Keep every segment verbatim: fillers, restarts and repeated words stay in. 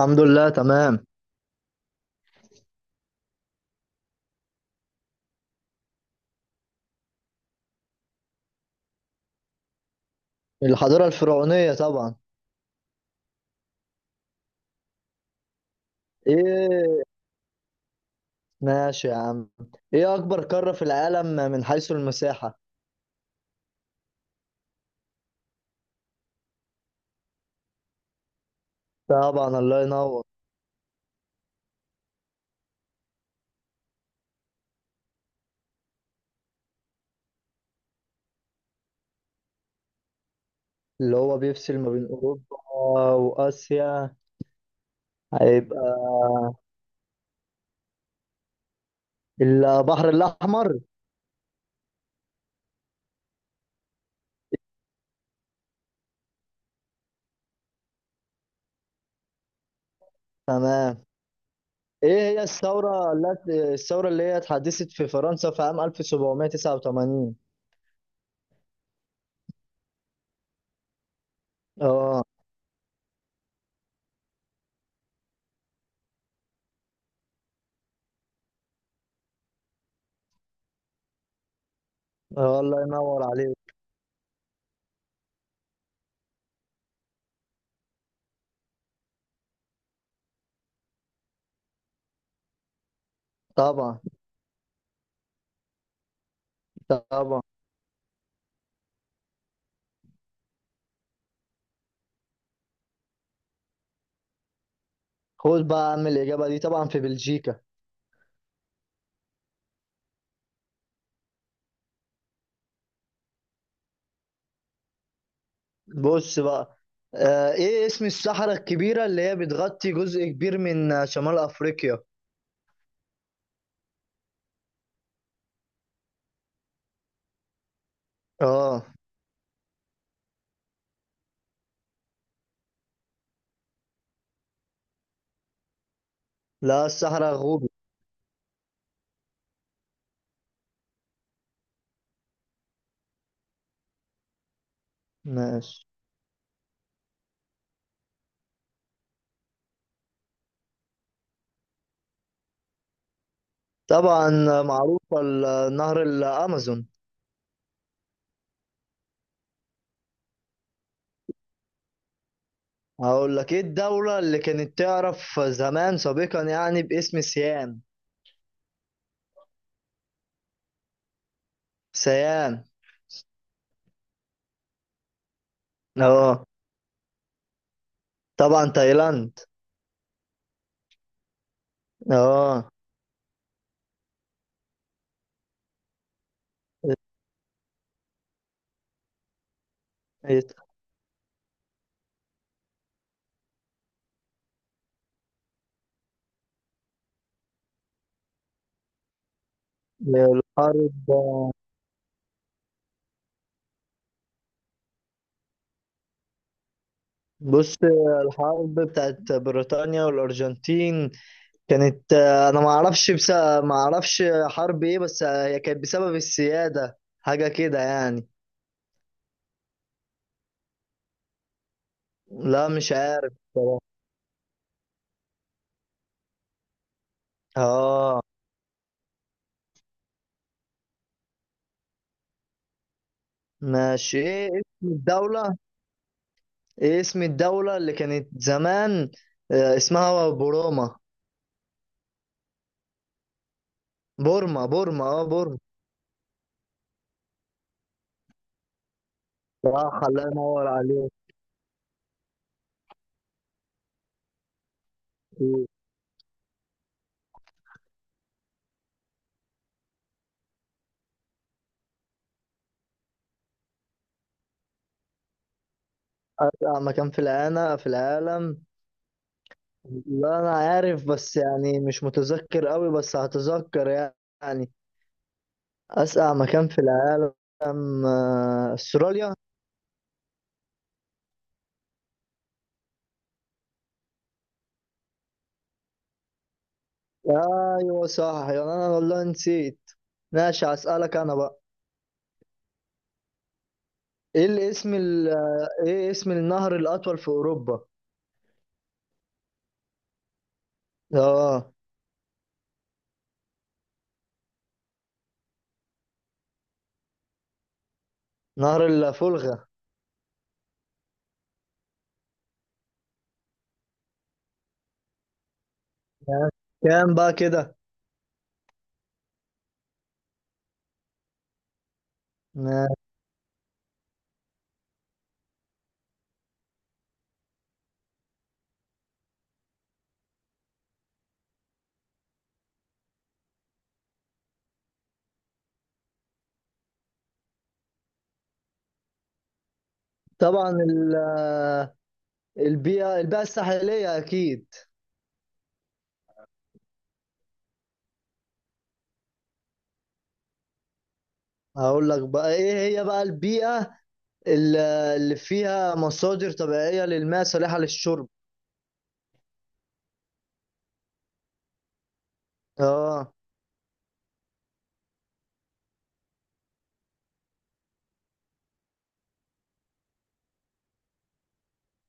الحمد لله، تمام. الحضارة الفرعونية طبعا. ايه، ماشي يا عم. ايه اكبر قارة في العالم من حيث المساحة؟ طبعا، الله ينور. اللي هو بيفصل ما بين اوروبا واسيا، هيبقى البحر الاحمر. تمام. ايه هي الثورة التي الثورة اللي هي اتحدثت في فرنسا في عام ألف وسبعمية تسعة وتمانين؟ اه. آه، الله ينور عليك. طبعا، طبعا. خد بقى يا عم الاجابة دي، طبعا في بلجيكا. بص بقى، آه ايه اسم الصحراء الكبيرة اللي هي بتغطي جزء كبير من آه، شمال افريقيا؟ اه لا، الصحراء غوبي. ماشي. طبعا آه، معروفة، ال- آه، نهر الامازون. هقول لك، ايه الدولة اللي كانت تعرف زمان سابقا يعني باسم سيام؟ سيام. اه طبعا، تايلاند. اه إيه، الحرب بص، الحرب بتاعت بريطانيا والأرجنتين كانت، آه، انا ما اعرفش، بس ما اعرفش حرب ايه. بس آه، هي كانت بسبب السيادة، حاجة كده يعني. لا، مش عارف بصراحة. اه، ماشي. ايه اسم الدولة ايه اسم الدولة اللي كانت زمان آه، اسمها بوروما. بورما، بورما، اه بورما. صح، الله ينور عليك. أسرع مكان في العالم في العالم. لا أنا عارف، بس يعني مش متذكر قوي، بس هتذكر يعني. أسقع مكان في العالم، آه، أستراليا. أيوة صح، يعني أنا والله نسيت. ماشي، هسألك أنا بقى. إيه الاسم ال... آه، إيه اسم النهر الأطول في أوروبا؟ آه نهر الفولغا. ماشي. كام بقى كده؟ ماشي. طبعا ال... آه، البيئة البيئة الساحلية أكيد. هقول لك بقى، إيه هي بقى البيئة ال- آه، اللي فيها مصادر طبيعية للماء صالحة للشرب؟ آه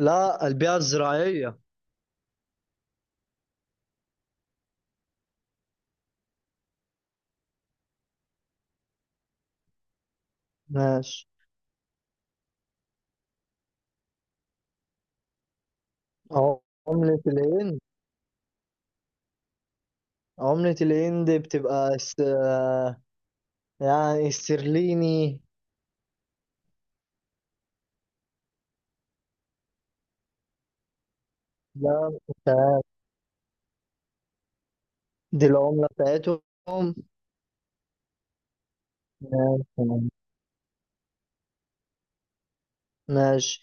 لا، البيئة الزراعية. ماشي. عم- عملة الهند. عملة الهند بتبقى س... يعني استرليني. ده دي العملة بتاعتهم. ماشي. ماشي.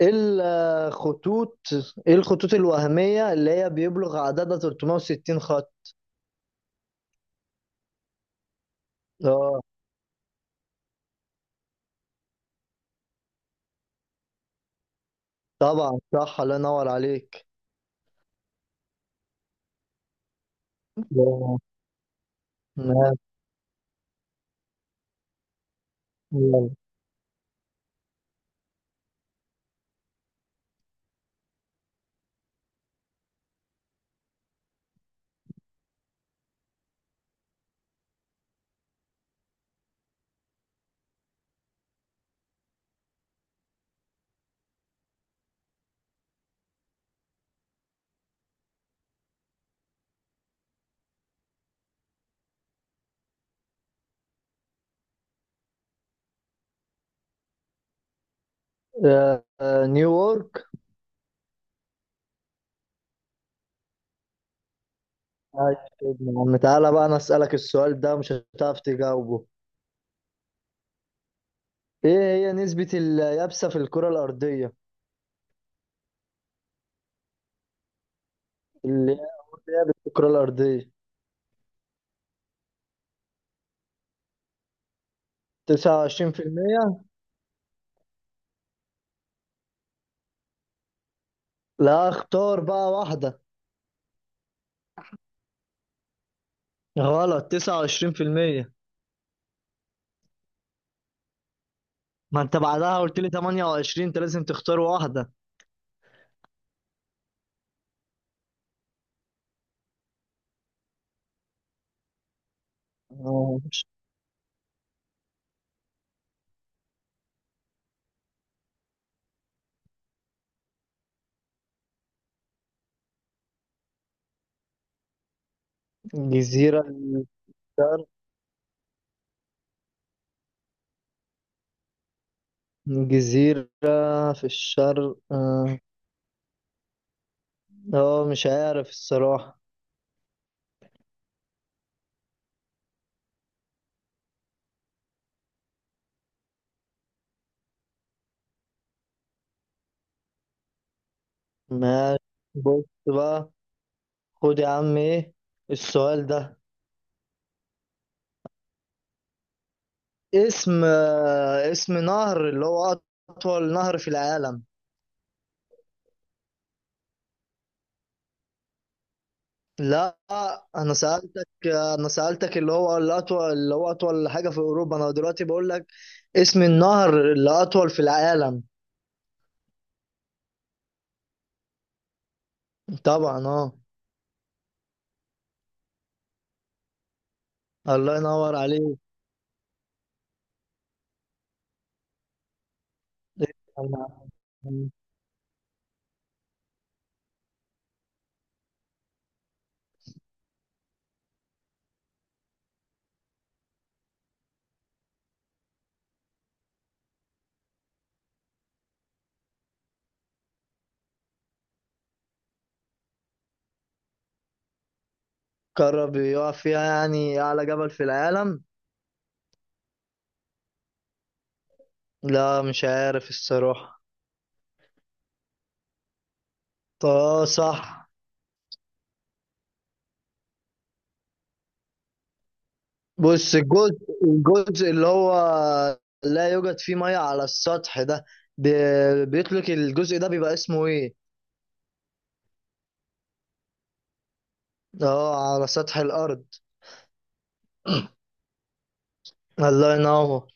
ايه الخطوط ايه الخطوط الوهمية اللي هي بيبلغ عددها ثلاثمائة وستين خط؟ اه طبعا صح، الله ينور عليك. آه، ماشي. يلا. آه، آه، نيويورك. عايش يا ابني يا عم. تعالى بقى انا اسألك السؤال ده، مش هتعرف تجاوبه. ايه هي نسبة اليابسة في الكرة الأرضية، اللي هي لعبة في الكرة الأرضية؟ تسعة وعشرين بالمية. لا، اختار بقى واحدة. غلط، تسعة وعشرين بالمية. ما انت بعدها قلت لي ثمانية وعشرين، انت لازم تختار واحدة. آه، جزيرة في الشرق جزيرة في الشرق، اه. آه، مش عارف الصراحة. ماشي، بص بقى. خد يا عم ايه السؤال ده. اسم آه، اسم نهر اللي هو أطول نهر في العالم. لا، أنا سألتك أنا سألتك اللي هو الأطول، اللي هو أطول حاجة في أوروبا. أنا دلوقتي بقول لك اسم النهر اللي أطول في العالم. طبعا. أه الله ينور عليك. قرب يقع فيها، يعني أعلى جبل في العالم. لا، مش عارف الصراحة. طه، صح. بص، الجزء الجزء اللي هو لا يوجد فيه ميه على السطح ده، بي- بيطلق الجزء ده، بيبقى اسمه ايه؟ اه، على سطح الارض. الله ينور.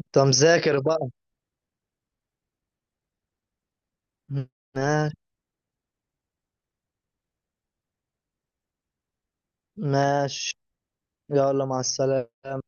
انت مذاكر بقى. ماشي. ماشي. يلا، مع السلامة.